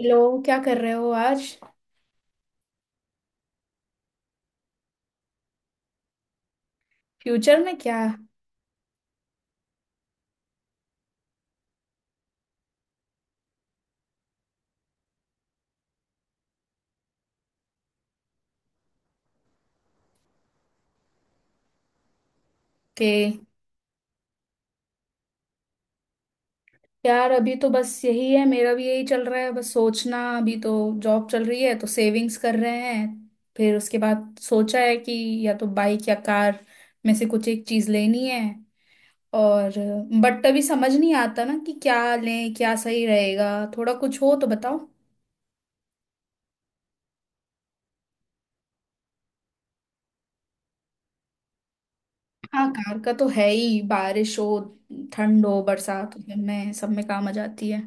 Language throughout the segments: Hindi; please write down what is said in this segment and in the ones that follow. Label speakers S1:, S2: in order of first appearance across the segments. S1: हेलो। क्या कर रहे हो आज? फ्यूचर में क्या? के। यार अभी तो बस यही है, मेरा भी यही चल रहा है बस। सोचना अभी तो जॉब चल रही है तो सेविंग्स कर रहे हैं। फिर उसके बाद सोचा है कि या तो बाइक या कार में से कुछ एक चीज लेनी है। और बट अभी समझ नहीं आता ना कि क्या लें, क्या सही रहेगा। थोड़ा कुछ हो तो बताओ। हाँ, कार का तो है ही। बारिश हो, ठंड हो, बरसात हो, इनमें सब में काम आ जाती है।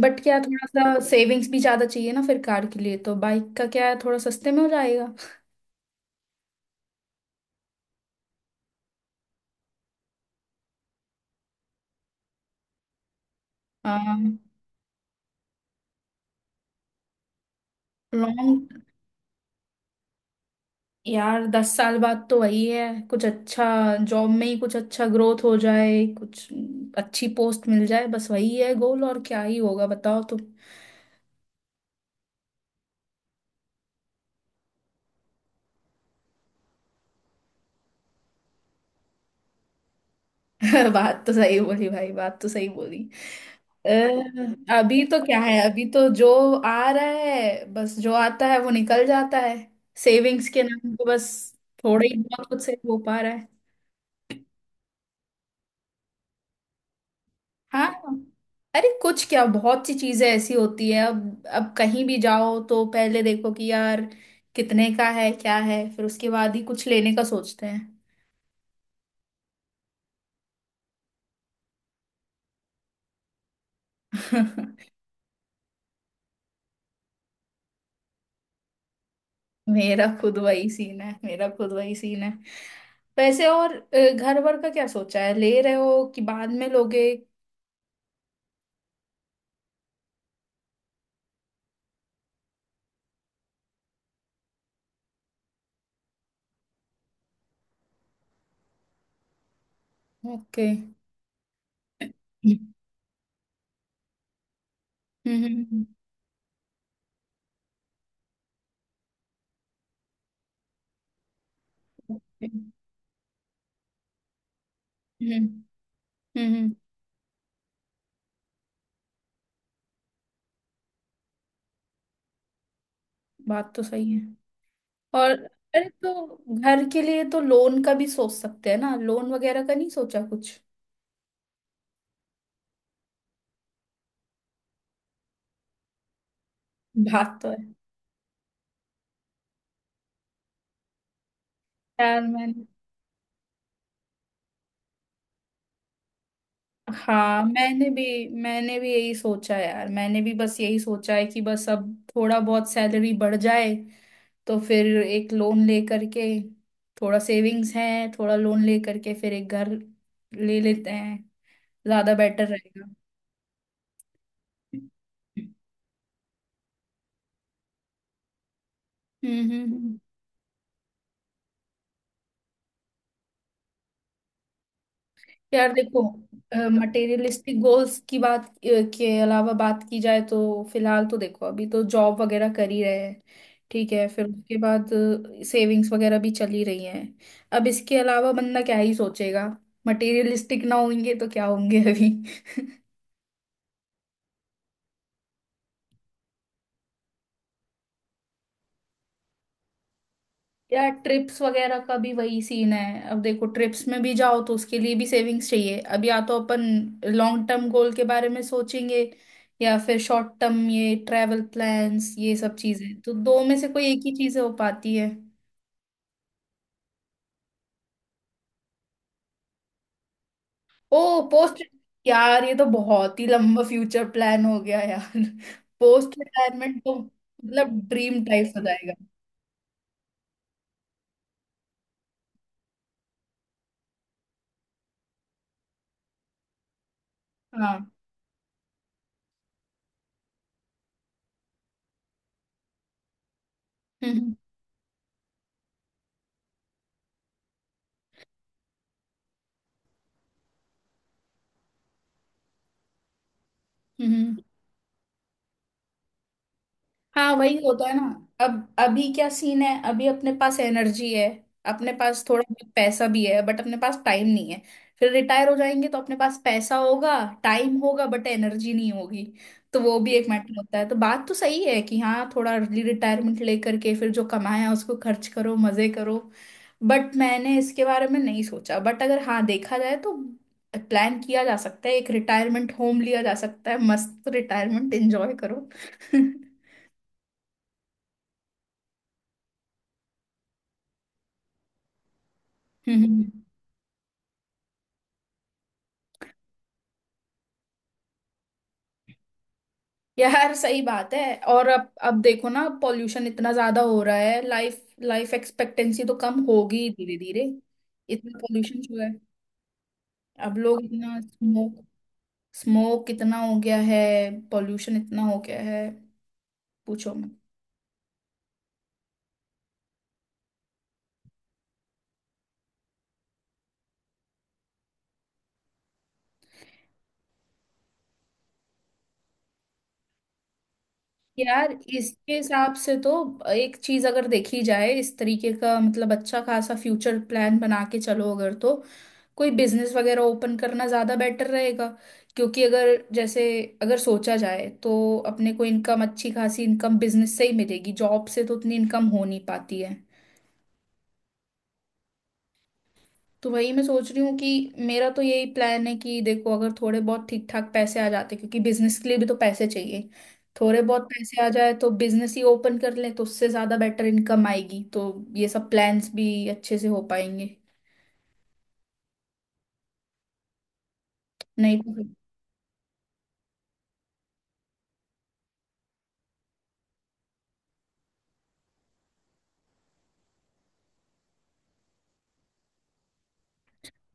S1: बट क्या थोड़ा सा सेविंग्स भी ज्यादा चाहिए ना फिर कार के लिए? तो बाइक का क्या है, थोड़ा सस्ते में हो जाएगा। लॉन्ग। यार, 10 साल बाद तो वही है। कुछ अच्छा, जॉब में ही कुछ अच्छा ग्रोथ हो जाए, कुछ अच्छी पोस्ट मिल जाए, बस वही है गोल। और क्या ही होगा बताओ तो। बात तो सही बोली भाई, बात तो सही बोली। अ, अभी तो क्या है, अभी तो जो आ रहा है, बस जो आता है वो निकल जाता है। सेविंग्स के नाम पे बस थोड़ा ही बहुत कुछ सेव हो पा रहा। हाँ। अरे कुछ क्या, बहुत सी चीजें ऐसी होती है। अब कहीं भी जाओ तो पहले देखो कि यार कितने का है, क्या है, फिर उसके बाद ही कुछ लेने का सोचते हैं। मेरा खुद वही सीन है, मेरा खुद वही सीन है। वैसे और घर वर का क्या सोचा है, ले रहे हो कि बाद में लोगे? ओके। हम्म। हम्म। हम्म। हम्म। हम्म। बात तो सही है। और, अरे तो घर के लिए तो लोन का भी सोच सकते हैं ना, लोन वगैरह का नहीं सोचा कुछ? बात तो है। यार मैंने। हाँ, मैंने भी यही सोचा है, यार मैंने भी बस यही सोचा है कि बस अब थोड़ा बहुत सैलरी बढ़ जाए तो फिर एक लोन ले करके, थोड़ा सेविंग्स है, थोड़ा लोन ले करके, फिर एक घर ले लेते हैं। ज्यादा बेटर रहेगा। हम्म। हम्म। हम्म। यार देखो, मटेरियलिस्टिक गोल्स की बात के अलावा बात की जाए तो फिलहाल तो देखो, अभी तो जॉब वगैरह कर ही रहे हैं, ठीक है। फिर उसके बाद सेविंग्स वगैरह भी चल ही रही हैं। अब इसके अलावा बंदा क्या ही सोचेगा? मटेरियलिस्टिक ना होंगे तो क्या होंगे अभी। यार ट्रिप्स वगैरह का भी वही सीन है। अब देखो, ट्रिप्स में भी जाओ तो उसके लिए भी सेविंग्स चाहिए। अब या तो अपन लॉन्ग टर्म गोल के बारे में सोचेंगे या फिर शॉर्ट टर्म ये ट्रैवल प्लान्स। ये सब चीजें तो दो में से कोई एक ही चीज हो पाती है। ओ। पोस्ट। यार ये तो बहुत ही लंबा फ्यूचर प्लान हो गया यार। पोस्ट रिटायरमेंट तो मतलब ड्रीम टाइप हो जाएगा। हाँ। हम्म हम्म। हम्म। हाँ वही होता है ना। अब अभी क्या सीन है, अभी अपने पास एनर्जी है, अपने पास थोड़ा बहुत पैसा भी है, बट अपने पास टाइम नहीं है। फिर रिटायर हो जाएंगे तो अपने पास पैसा होगा, टाइम होगा, बट एनर्जी नहीं होगी। तो वो भी एक मैटर होता है। तो बात तो सही है कि हाँ, थोड़ा अर्ली रिटायरमेंट लेकर के फिर जो कमाया उसको खर्च करो, मजे करो। बट मैंने इसके बारे में नहीं सोचा, बट अगर हाँ देखा जाए तो प्लान किया जा सकता है। एक रिटायरमेंट होम लिया जा सकता है, मस्त रिटायरमेंट एंजॉय करो। हम्म। यार सही बात है। और अब देखो ना, पॉल्यूशन इतना ज्यादा हो रहा है। लाइफ लाइफ एक्सपेक्टेंसी तो कम होगी धीरे धीरे। इतना पॉल्यूशन जो है, अब लोग इतना स्मोक, स्मोक इतना हो गया है, पॉल्यूशन इतना हो गया है, पूछो। यार इसके हिसाब से तो एक चीज अगर देखी जाए इस तरीके का, मतलब अच्छा खासा फ्यूचर प्लान बना के चलो अगर, तो कोई बिजनेस वगैरह ओपन करना ज्यादा बेटर रहेगा। क्योंकि अगर जैसे, अगर सोचा जाए तो अपने को इनकम, अच्छी खासी इनकम बिजनेस से ही मिलेगी, जॉब से तो उतनी इनकम हो नहीं पाती है। तो वही मैं सोच रही हूँ कि मेरा तो यही प्लान है कि देखो अगर थोड़े बहुत ठीक ठाक पैसे आ जाते, क्योंकि बिजनेस के लिए भी तो पैसे चाहिए, थोड़े बहुत पैसे आ जाए तो बिजनेस ही ओपन कर ले तो उससे ज्यादा बेटर इनकम आएगी। तो ये सब प्लान्स भी अच्छे से हो पाएंगे। नहीं तो फिर-।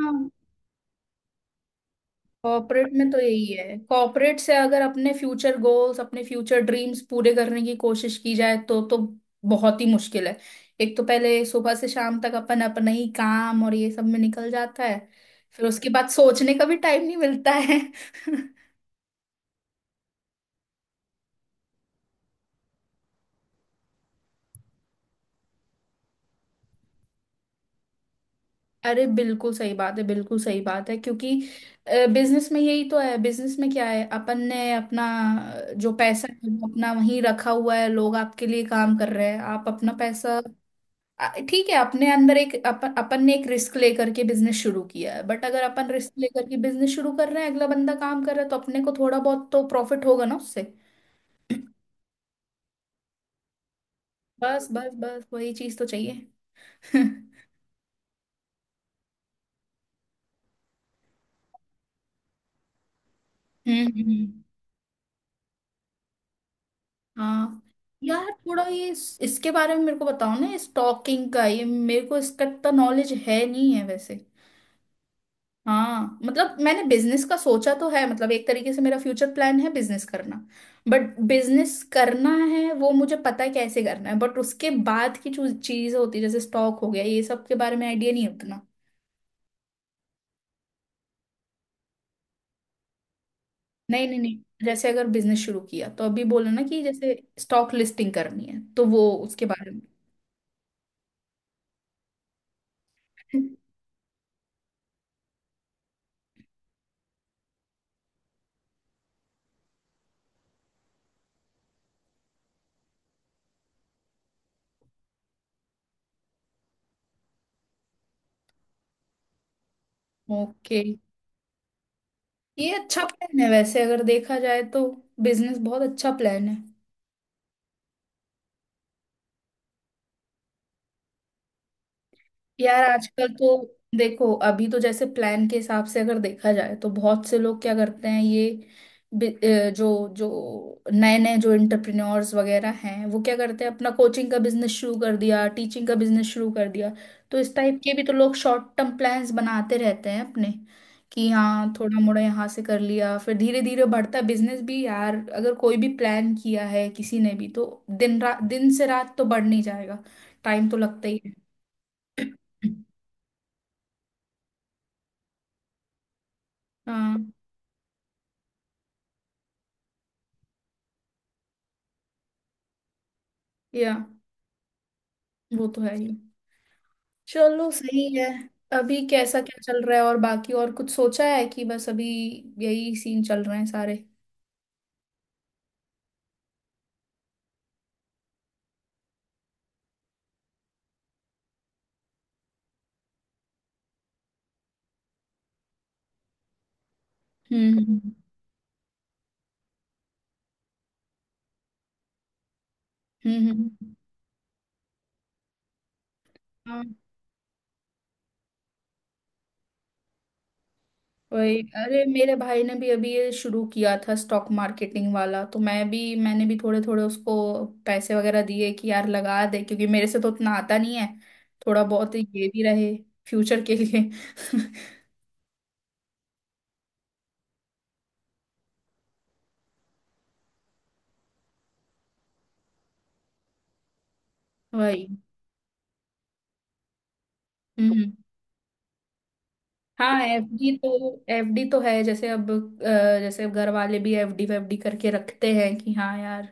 S1: हाँ। कॉर्पोरेट में तो यही है। कॉर्पोरेट से अगर अपने फ्यूचर गोल्स, अपने फ्यूचर ड्रीम्स पूरे करने की कोशिश की जाए तो बहुत ही मुश्किल है। एक तो पहले सुबह से शाम तक अपन अपना ही काम और ये सब में निकल जाता है, फिर उसके बाद सोचने का भी टाइम नहीं मिलता है। अरे बिल्कुल सही बात है, बिल्कुल सही बात है क्योंकि बिजनेस में यही तो है। बिजनेस में क्या है, अपन ने अपना जो पैसा है वो अपना वहीं रखा हुआ है, लोग आपके लिए काम कर रहे हैं, आप अपना पैसा। आ, ठीक है, अपने अंदर एक अपन अपन ने एक रिस्क लेकर के बिजनेस शुरू किया है। बट अगर अपन रिस्क लेकर के बिजनेस शुरू कर रहे हैं, अगला बंदा काम कर रहा है तो अपने को थोड़ा बहुत तो प्रॉफिट होगा ना उससे। बस बस बस वही चीज तो चाहिए। हम्म। हम्म, हाँ। यार थोड़ा ये इसके बारे में मेरे को बताओ ना, स्टॉकिंग का ये मेरे को इसका तो नॉलेज है नहीं है वैसे। हाँ मतलब मैंने बिजनेस का सोचा तो है, मतलब एक तरीके से मेरा फ्यूचर प्लान है बिजनेस करना। बट बिजनेस करना है वो मुझे पता है कैसे करना है, बट उसके बाद की जो चीज होती है जैसे स्टॉक हो गया, ये सब के बारे में आइडिया नहीं है उतना। नहीं नहीं नहीं, जैसे अगर बिजनेस शुरू किया तो अभी बोला ना कि जैसे स्टॉक लिस्टिंग करनी है, तो वो उसके बारे में। ओके। ये अच्छा प्लान है वैसे अगर देखा जाए तो, बिजनेस बहुत अच्छा प्लान है। यार आजकल तो देखो, अभी तो जैसे प्लान के हिसाब से अगर देखा जाए तो बहुत से लोग क्या करते हैं ये, जो जो नए नए जो एंटरप्रेन्योर्स वगैरह हैं वो क्या करते हैं, अपना कोचिंग का बिजनेस शुरू कर दिया, टीचिंग का बिजनेस शुरू कर दिया। तो इस टाइप के भी तो लोग शॉर्ट टर्म प्लान्स बनाते रहते हैं अपने कि हाँ, थोड़ा मोड़ा यहाँ से कर लिया फिर धीरे धीरे बढ़ता बिजनेस। भी यार अगर कोई भी प्लान किया है किसी ने भी तो दिन रात, दिन से रात तो बढ़ नहीं जाएगा। टाइम तो लगता ही है। हाँ। या वो तो है ही। चलो सही है। अभी कैसा क्या चल रहा है और बाकी और कुछ सोचा है कि बस अभी यही सीन चल रहे हैं सारे? हम्म। हम्म। हम्म। हाँ वही। अरे मेरे भाई ने भी अभी ये शुरू किया था स्टॉक मार्केटिंग वाला, तो मैं भी, मैंने भी थोड़े थोड़े उसको पैसे वगैरह दिए कि यार लगा दे, क्योंकि मेरे से तो उतना आता नहीं है। थोड़ा बहुत ये भी रहे फ्यूचर के लिए। वही। हम्म। हम्म। हाँ एफडी तो है। जैसे अब जैसे अब घर वाले भी एफडी वेफडी करके रखते हैं कि हाँ यार,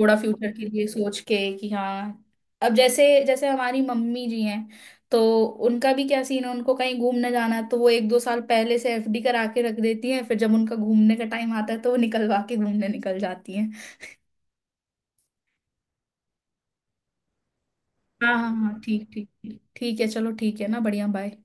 S1: थोड़ा फ्यूचर के लिए सोच के कि हाँ, अब जैसे जैसे हमारी मम्मी जी हैं, तो उनका भी क्या सीन है, उनको कहीं घूमने जाना है तो वो एक दो साल पहले से एफडी करा के रख देती हैं, फिर जब उनका घूमने का टाइम आता है तो वो निकलवा के घूमने निकल जाती हैं। हाँ हाँ हाँ, ठीक ठीक ठीक, ठीक है। चलो ठीक है ना। बढ़िया, बाय।